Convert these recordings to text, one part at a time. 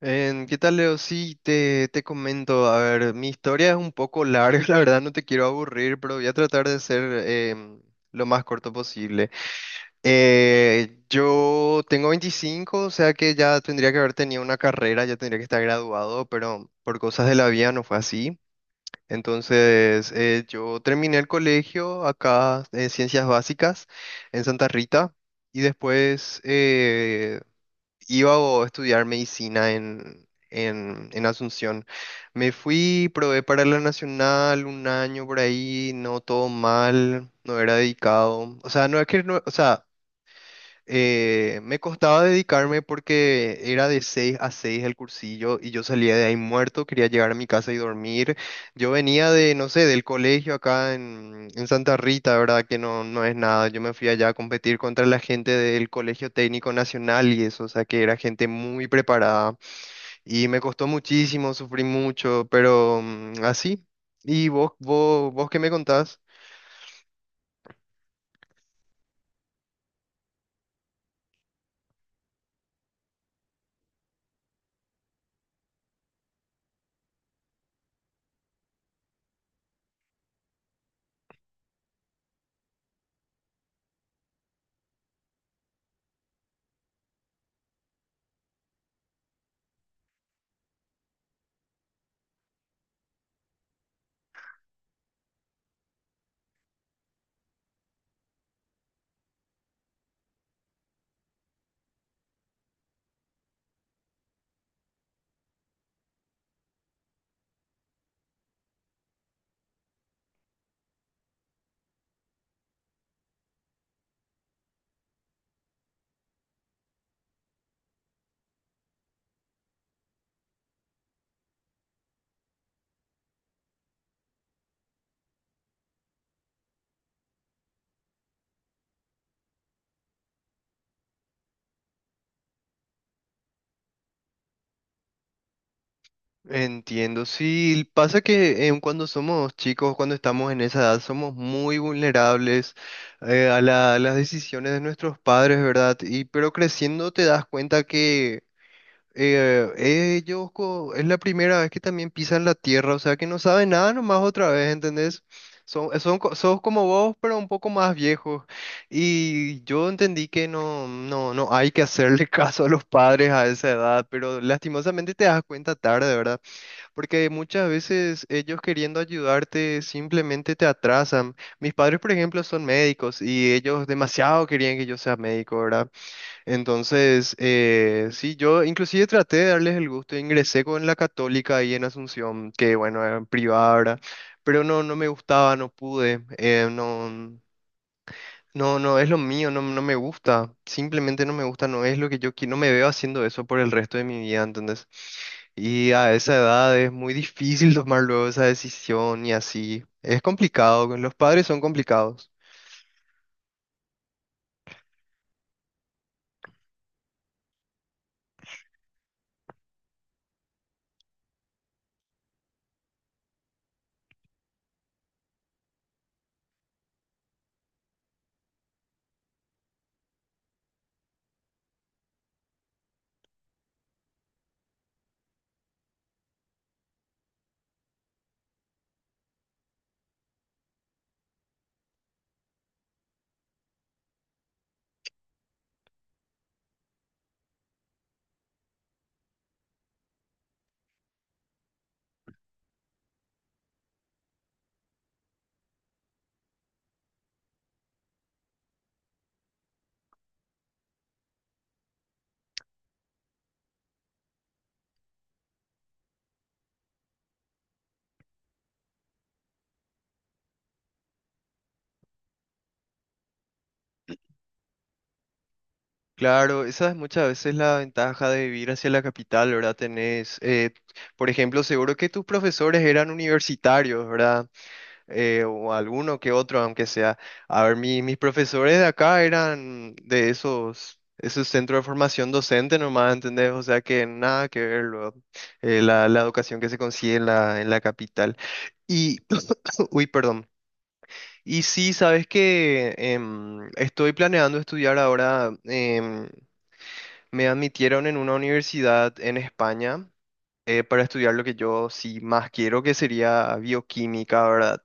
¿Qué tal, Leo? Sí, te comento. A ver, mi historia es un poco larga, la verdad no te quiero aburrir, pero voy a tratar de ser lo más corto posible. Yo tengo 25, o sea que ya tendría que haber tenido una carrera, ya tendría que estar graduado, pero por cosas de la vida no fue así. Entonces, yo terminé el colegio acá en Ciencias Básicas en Santa Rita y después, iba a estudiar medicina en Asunción. Me fui, probé para la Nacional un año por ahí, no todo mal, no era dedicado. O sea, no es que no, o sea, me costaba dedicarme porque era de 6 a 6 el cursillo y yo salía de ahí muerto, quería llegar a mi casa y dormir. Yo venía de, no sé, del colegio acá en Santa Rita, ¿verdad? Que no, no es nada. Yo me fui allá a competir contra la gente del Colegio Técnico Nacional y eso, o sea, que era gente muy preparada y me costó muchísimo, sufrí mucho, pero así. ¿Y vos qué me contás? Entiendo, sí, pasa que cuando somos chicos, cuando estamos en esa edad, somos muy vulnerables, a las decisiones de nuestros padres, ¿verdad? Y pero creciendo te das cuenta que eh, es la primera vez que también pisan la tierra, o sea que no saben nada nomás otra vez, ¿entendés? Sos como vos, pero un poco más viejos. Y yo entendí que no, no, no hay que hacerle caso a los padres a esa edad, pero lastimosamente te das cuenta tarde, ¿verdad? Porque muchas veces ellos queriendo ayudarte simplemente te atrasan. Mis padres, por ejemplo, son médicos y ellos demasiado querían que yo sea médico, ¿verdad? Entonces, sí, yo inclusive traté de darles el gusto. Ingresé con la Católica ahí en Asunción, que bueno, era privada, ¿verdad? Pero no, no me gustaba, no pude. No, no, no es lo mío, no, no me gusta. Simplemente no me gusta, no es lo que yo quiero. No me veo haciendo eso por el resto de mi vida, ¿entendés? Y a esa edad es muy difícil tomar luego esa decisión y así. Es complicado, con los padres son complicados. Claro, esa es muchas veces la ventaja de vivir hacia la capital, ¿verdad? Tenés, por ejemplo, seguro que tus profesores eran universitarios, ¿verdad? O alguno que otro, aunque sea. A ver, mis profesores de acá eran de esos, esos centros de formación docente nomás, ¿entendés? O sea que nada que ver luego, la educación que se consigue en la capital. Y, uy, perdón. Y sí, sabes que estoy planeando estudiar ahora, me admitieron en una universidad en España para estudiar lo que yo sí más quiero, que sería bioquímica, ¿verdad?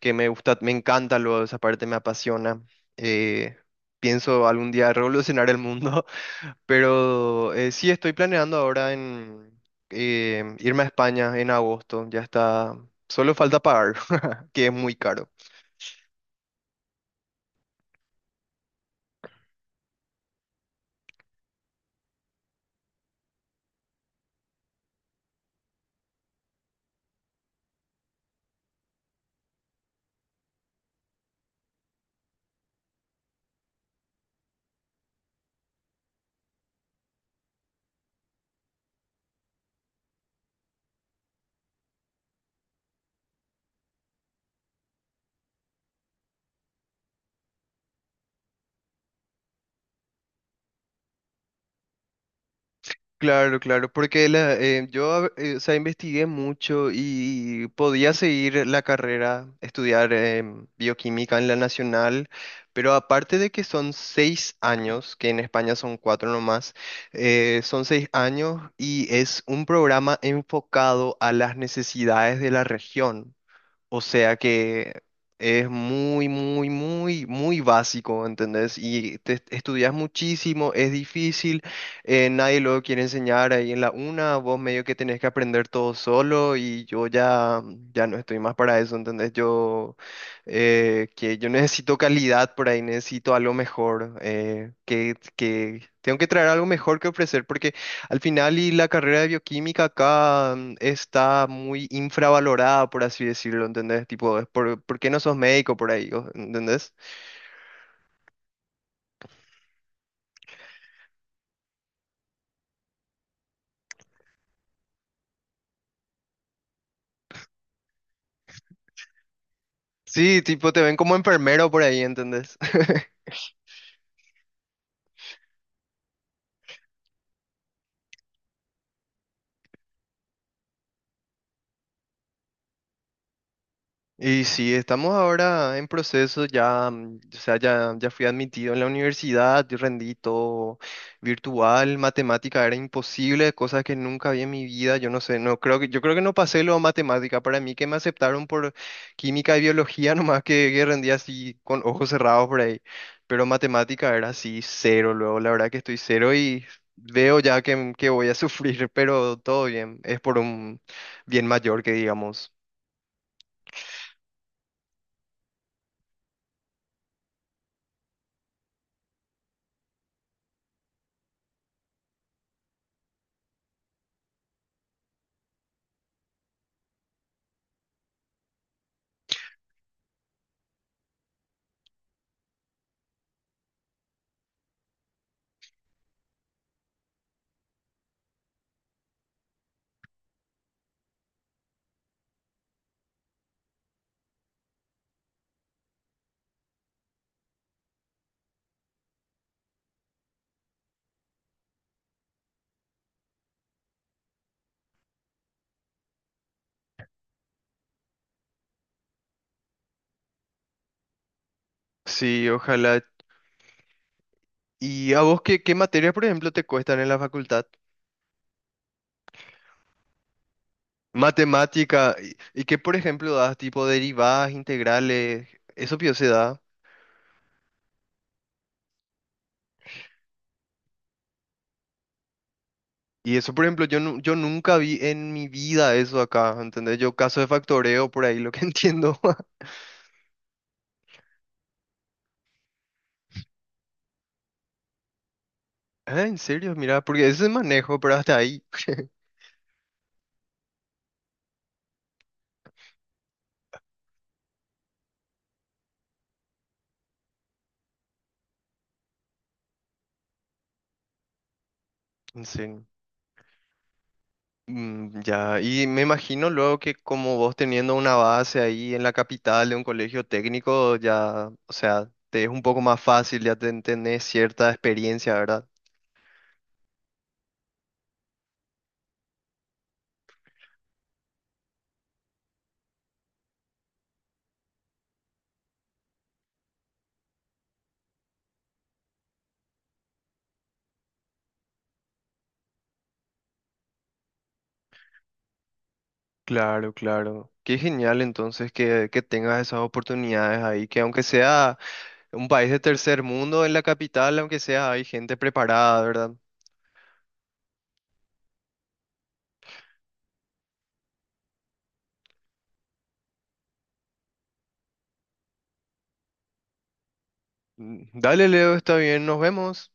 Que me gusta, me encanta luego esa parte me apasiona. Eh, Pienso algún día revolucionar el mundo, pero sí estoy planeando ahora en irme a España en agosto, ya está, solo falta pagar, que es muy caro. Claro, claro, porque yo, o sea, investigué mucho y podía seguir la carrera, estudiar bioquímica en la nacional, pero aparte de que son 6 años, que en España son cuatro nomás, son 6 años y es un programa enfocado a las necesidades de la región. O sea que es muy, muy, muy, muy básico, ¿entendés? Y te estudias muchísimo, es difícil, nadie lo quiere enseñar ahí en la una, vos medio que tenés que aprender todo solo y yo ya, ya no estoy más para eso, ¿entendés? Que yo necesito calidad por ahí, necesito algo mejor, que tengo que traer algo mejor que ofrecer al final, y la carrera de bioquímica acá está muy infravalorada, por así decirlo, ¿entendés? Tipo, ¿por qué no sos médico por ahí? ¿Entendés? Sí, tipo, te ven como enfermero por ahí, ¿entendés? Y sí, estamos ahora en proceso, ya, o sea, ya fui admitido en la universidad, yo rendí todo virtual, matemática era imposible, cosas que nunca vi en mi vida, yo no sé, no creo que, yo creo que no pasé lo de matemática, para mí que me aceptaron por química y biología, nomás que rendí así con ojos cerrados por ahí, pero matemática era así cero, luego la verdad que estoy cero y veo ya que voy a sufrir, pero todo bien, es por un bien mayor que digamos. Sí, ojalá. ¿Y a vos qué, qué materias, por ejemplo, te cuestan en la facultad? Matemática, y qué, por ejemplo, das tipo derivadas, integrales, eso pio se da. Y eso, por ejemplo, yo nunca vi en mi vida eso acá, ¿entendés? Yo caso de factoreo, por ahí lo que entiendo. Ah, en serio, mira, porque ese manejo, pero hasta ahí. En serio. Mm, ya, y me imagino luego que como vos teniendo una base ahí en la capital de un colegio técnico, ya, o sea, te es un poco más fácil, ya tenés cierta experiencia, ¿verdad? Claro, claro. Qué genial entonces que tengas esas oportunidades ahí, que aunque sea un país de tercer mundo en la capital, aunque sea, hay gente preparada, ¿verdad? Mm, dale, Leo, está bien, nos vemos.